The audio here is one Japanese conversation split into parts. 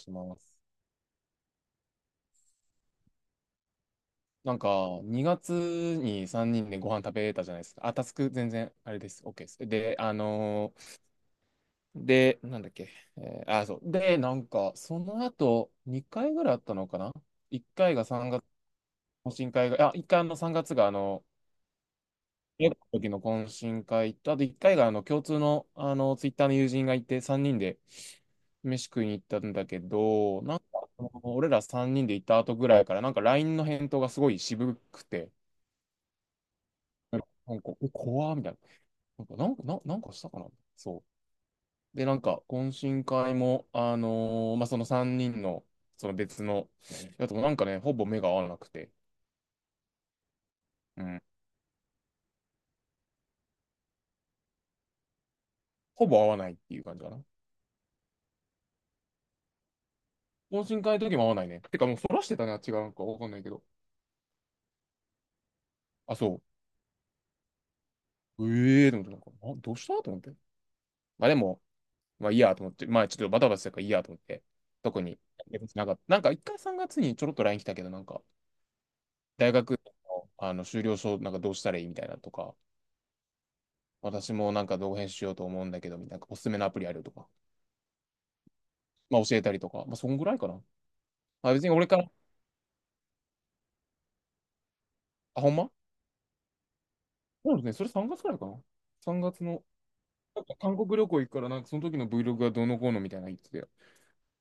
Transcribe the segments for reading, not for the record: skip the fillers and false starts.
します。なんか、2月に3人でご飯食べたじゃないですか。あ、タスク全然、あれです。OK です。で、で、なんだっけ。あ、そう。で、なんか、その後、2回ぐらいあったのかな？ 1 回が3月、懇親会が、あ、1回あの3月が、あの、英語の時の懇親会と、あと1回が、あの、共通の、あの、ツイッターの友人がいて、3人で飯食いに行ったんだけど、なんか、その俺ら3人で行った後ぐらいから、なんか LINE の返答がすごい渋くて、なんか、なんかえ、怖ーみたいな。なんかしたかな？そう。で、なんか、懇親会も、まあ、その3人の、その別の、やつもなんかね、ほぼ目が合わなくて、うん。ほぼ合わないっていう感じかな。懇親会の時も合わないね。てか、もうそらしてたね、あっちがなんかわかんないけど。あ、そう。ええー、と思って、なんか、あ、どうしたと思って。まあ、でも、まあ、いいやと思って、まあ、ちょっとバタバタしてたからいいやと思って、特に、一回3月にちょろっと LINE 来たけど、なんか、大学の、あの修了証なんかどうしたらいいみたいなとか、私もなんか動画編集しようと思うんだけど、みたいな、おすすめのアプリあるとか、まあ教えたりとか、まあそんぐらいかな。あ、別に俺から、あ、ほんま。そうですね、それ3月くらいかな。3月の、なんか韓国旅行行くから、なんかその時の Vlog がどうのこうのみたいな言ってて、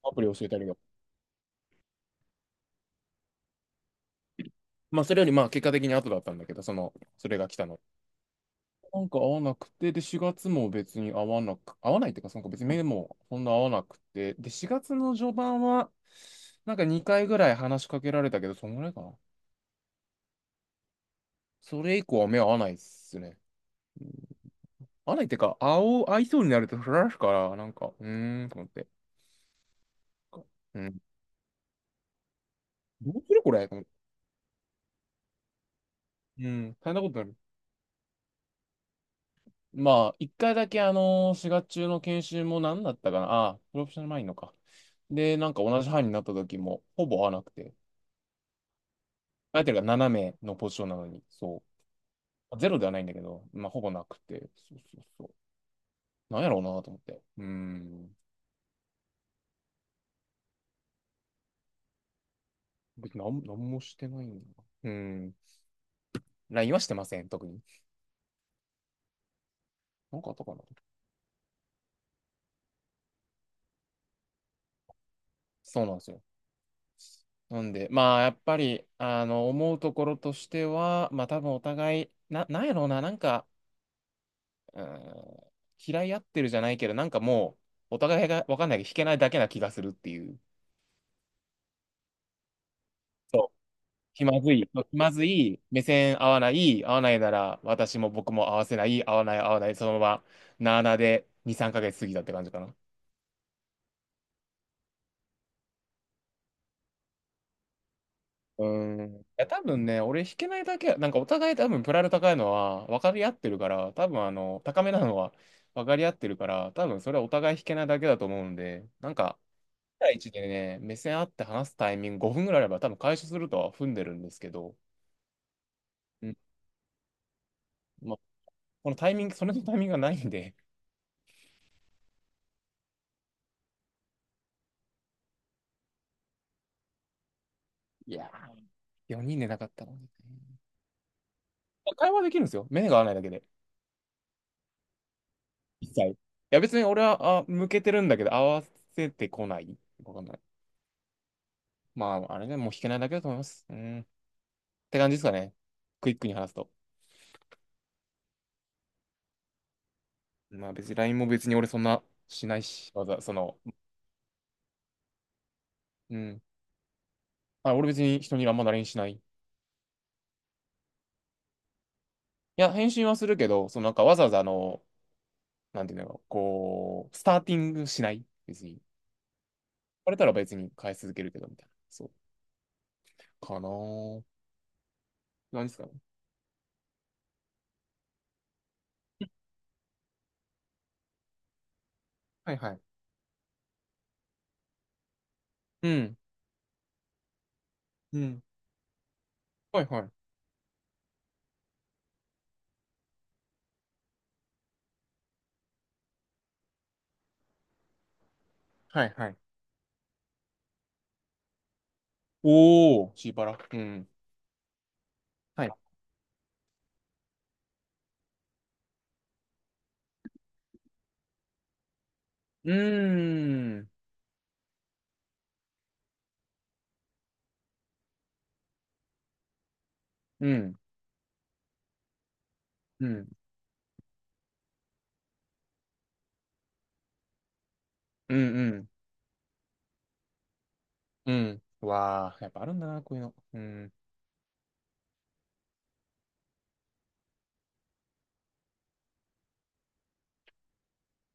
アプリ教えたりとか。まあそれよりまあ結果的に後だったんだけど、その、それが来たの。なんか合わなくて、で4月も別に合わないっていうか、なんか別に目もそんな合わなくて、で4月の序盤は、なんか2回ぐらい話しかけられたけど、そんぐらいかな。それ以降は目合わないっすね。合わないっていうか、合いそうになるとフられるから、なんか、うーん、と思って。うん。どうするこれと思って。うん、大変なことになる。まあ、一回だけ4月中の研修も何だったかな。ああ、プロフェッショナルマインドか。で、なんか同じ班になった時も、ほぼ合わなくて。相手が斜めのポジションなのに、そう。ゼロではないんだけど、まあ、ほぼなくて。そうそうそう。なんやろうなと思って。うーん。別になんもしてないんだな。うーん。LINE はしてません、特に。なんかあったかな。そうなんですよ。なんで、まあ、やっぱり、あの、思うところとしては、まあ、多分お互い、なんやろうな、なんか、うーん、嫌い合ってるじゃないけど、なんかもう、お互いが分かんないけど、引けないだけな気がするっていう。そう。気まずい。そう気まずい。目線合わない。合わないなら、私も僕も合わせない。合わない、合わない。そのまま、なあなあで2、3ヶ月過ぎたって感じかな。うん。いや、多分ね、俺弾けないだけや、なんかお互い多分プライド高いのは分かり合ってるから、多分あの、高めなのは分かり合ってるから、多分それはお互い弾けないだけだと思うんで、なんか、1対1でね、目線合って話すタイミング5分ぐらいあれば多分解消するとは踏んでるんですけど、うん。まあ、このタイミング、それのタイミングがないんで、いやー、4人でなかったのにね。会話できるんですよ。目が合わないだけで。一切。いや、別に俺は、あ、向けてるんだけど、合わせてこない。わかんない。まあ、あれね、もう弾けないだけだと思います。うん。って感じですかね。クイックに話すと。まあ別に LINE も別に俺そんなしないし、わざ、その、うん。あ、俺別に人にあんま l i n しない。いや、返信はするけど、そのなんかわざわざあの、なんていうのこう、スターティングしない。別に。言われたら別に返し続けるけど、みたいな。そう。かなー。何ですかね。はいはい。うん。うん。はいはい。はいはい。おー、シーパラ。うん。はい。うーん。うん。うん。うんうん。うん。うわあ、やっぱあるんだな、こういうの。うん。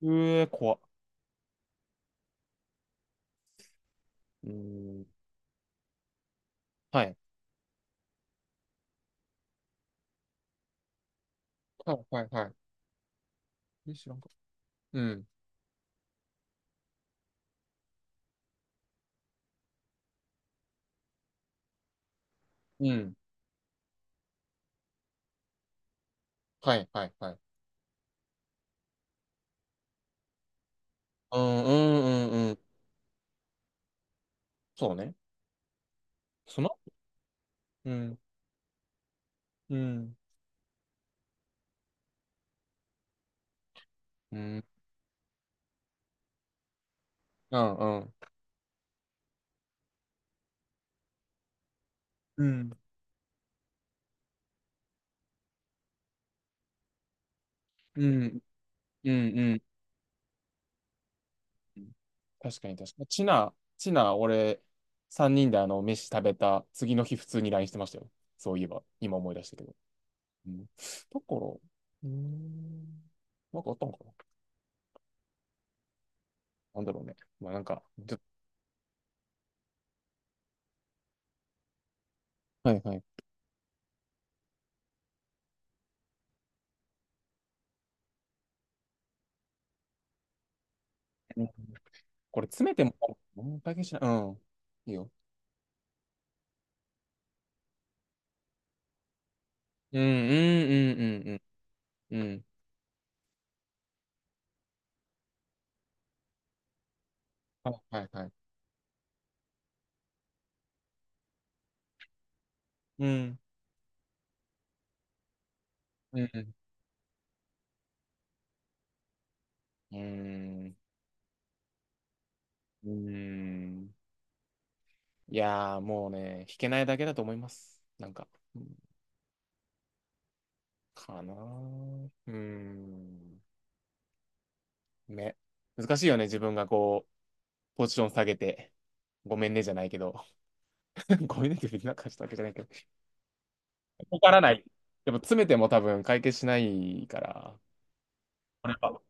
うえ、怖っ。うん。はい。はい、はい、はい。え、知らんか。うん。うん。はい、はい、はい。うん、うん、うん、うん。そうね。そのうん。うん。うん。うん、うん。うん。うん、うん、うん。確かに、確かに。チナ、チナ、俺、3人であの、飯食べた次の日、普通にラインしてましたよ。そういえば、今思い出したけど。うん。だから、うーん。なんかあったんかな。なんだろうね。まあなんか、ちょっはいはい。とこれ詰めても、もう解決しない。うん。いいよ。うんうんうんうんうんうんはいはいはい。うんうんうんうーんうんん。いやーもうね弾けないだけだと思いますなんかうんかなーうーんね、難しいよね、自分がこうポジション下げてごめんねじゃないけど ごめんねって別になんかしたわけじゃないけど、わからない。でも詰めても多分解決しないから、あれかわ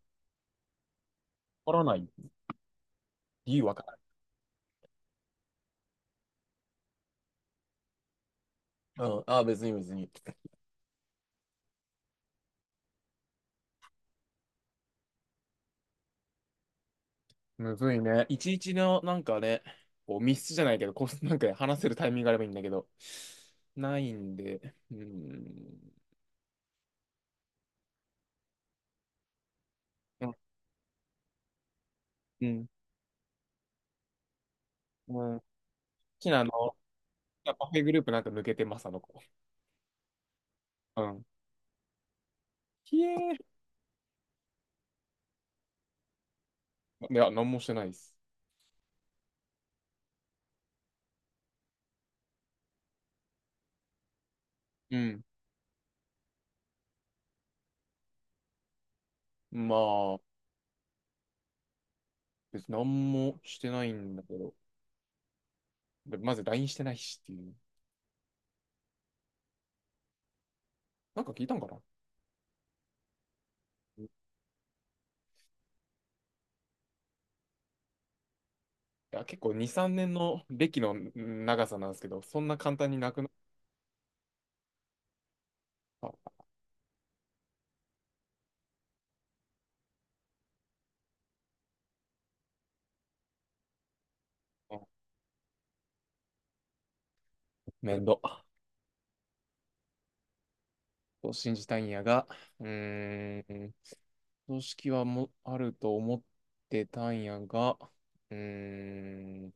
からない。理由わからない。うん。ああ、別に別に。むずいね。いちいちの、なんかね、こう密室じゃないけど、こう、なんかね話せるタイミングがあればいいんだけど、ないんで、うーん。うんうんうん好きなあの、パフェグループなんか抜けてます、あの子。うん。ひえー。いや、なんもしてないです。うん。まあ、別になんもしてないんだけど、でまずラインしてないしっていう。なんか聞いたんかな。ういや、結構2、3年の歴の長さなんですけど、そんな簡単になくなった。面倒。と信じたいんやが、うーん、組織はもあると思ってたんやが、うーん、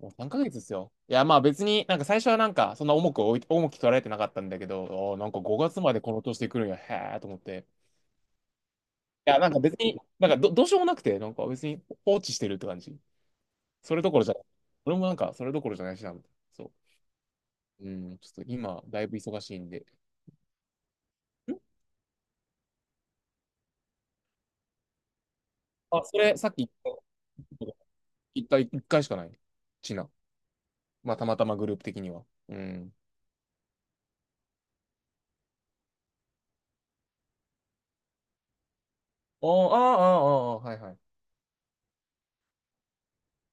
もう3ヶ月ですよ。いや、まあ別になんか最初はなんかそんな重く置い、重き取られてなかったんだけど、あーなんか5月までこの年で来るんや、へーと思って。いや、なんか別に、どうしようもなくて、なんか別に放置してるって感じ。それどころじゃない。俺もなんかそれどころじゃないしな。そう。うん、ちょっと今、だいぶ忙しいんで。ん。あ、それ、さっき言った、一回、一回しかない。ちな。まあ、たまたまグループ的には。うん。ああ、ああ、ああ、はいはい。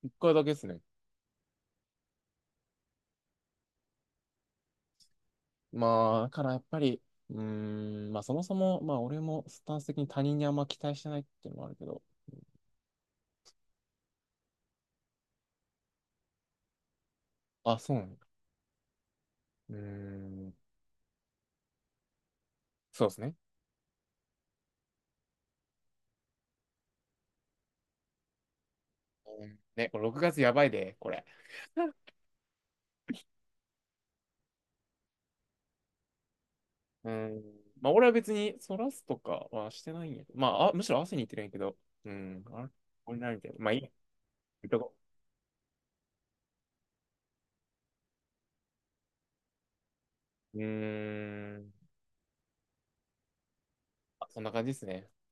一回だけですね。まあ、だからやっぱり、うーん、まあ、そもそも、まあ、俺もスタンス的に他人にあんま期待してないっていうのもあるけど。あ、そうなの。うーん、そうですね。うんね、これ6月やばいで、これ。うーん。まあ、俺は別に、そらすとかはしてないんやけど。まあ、あ、むしろ汗に行ってるんやけど。うん。あれこれないみたいな。まあ、いとこ。うーん。あそんな感じですね。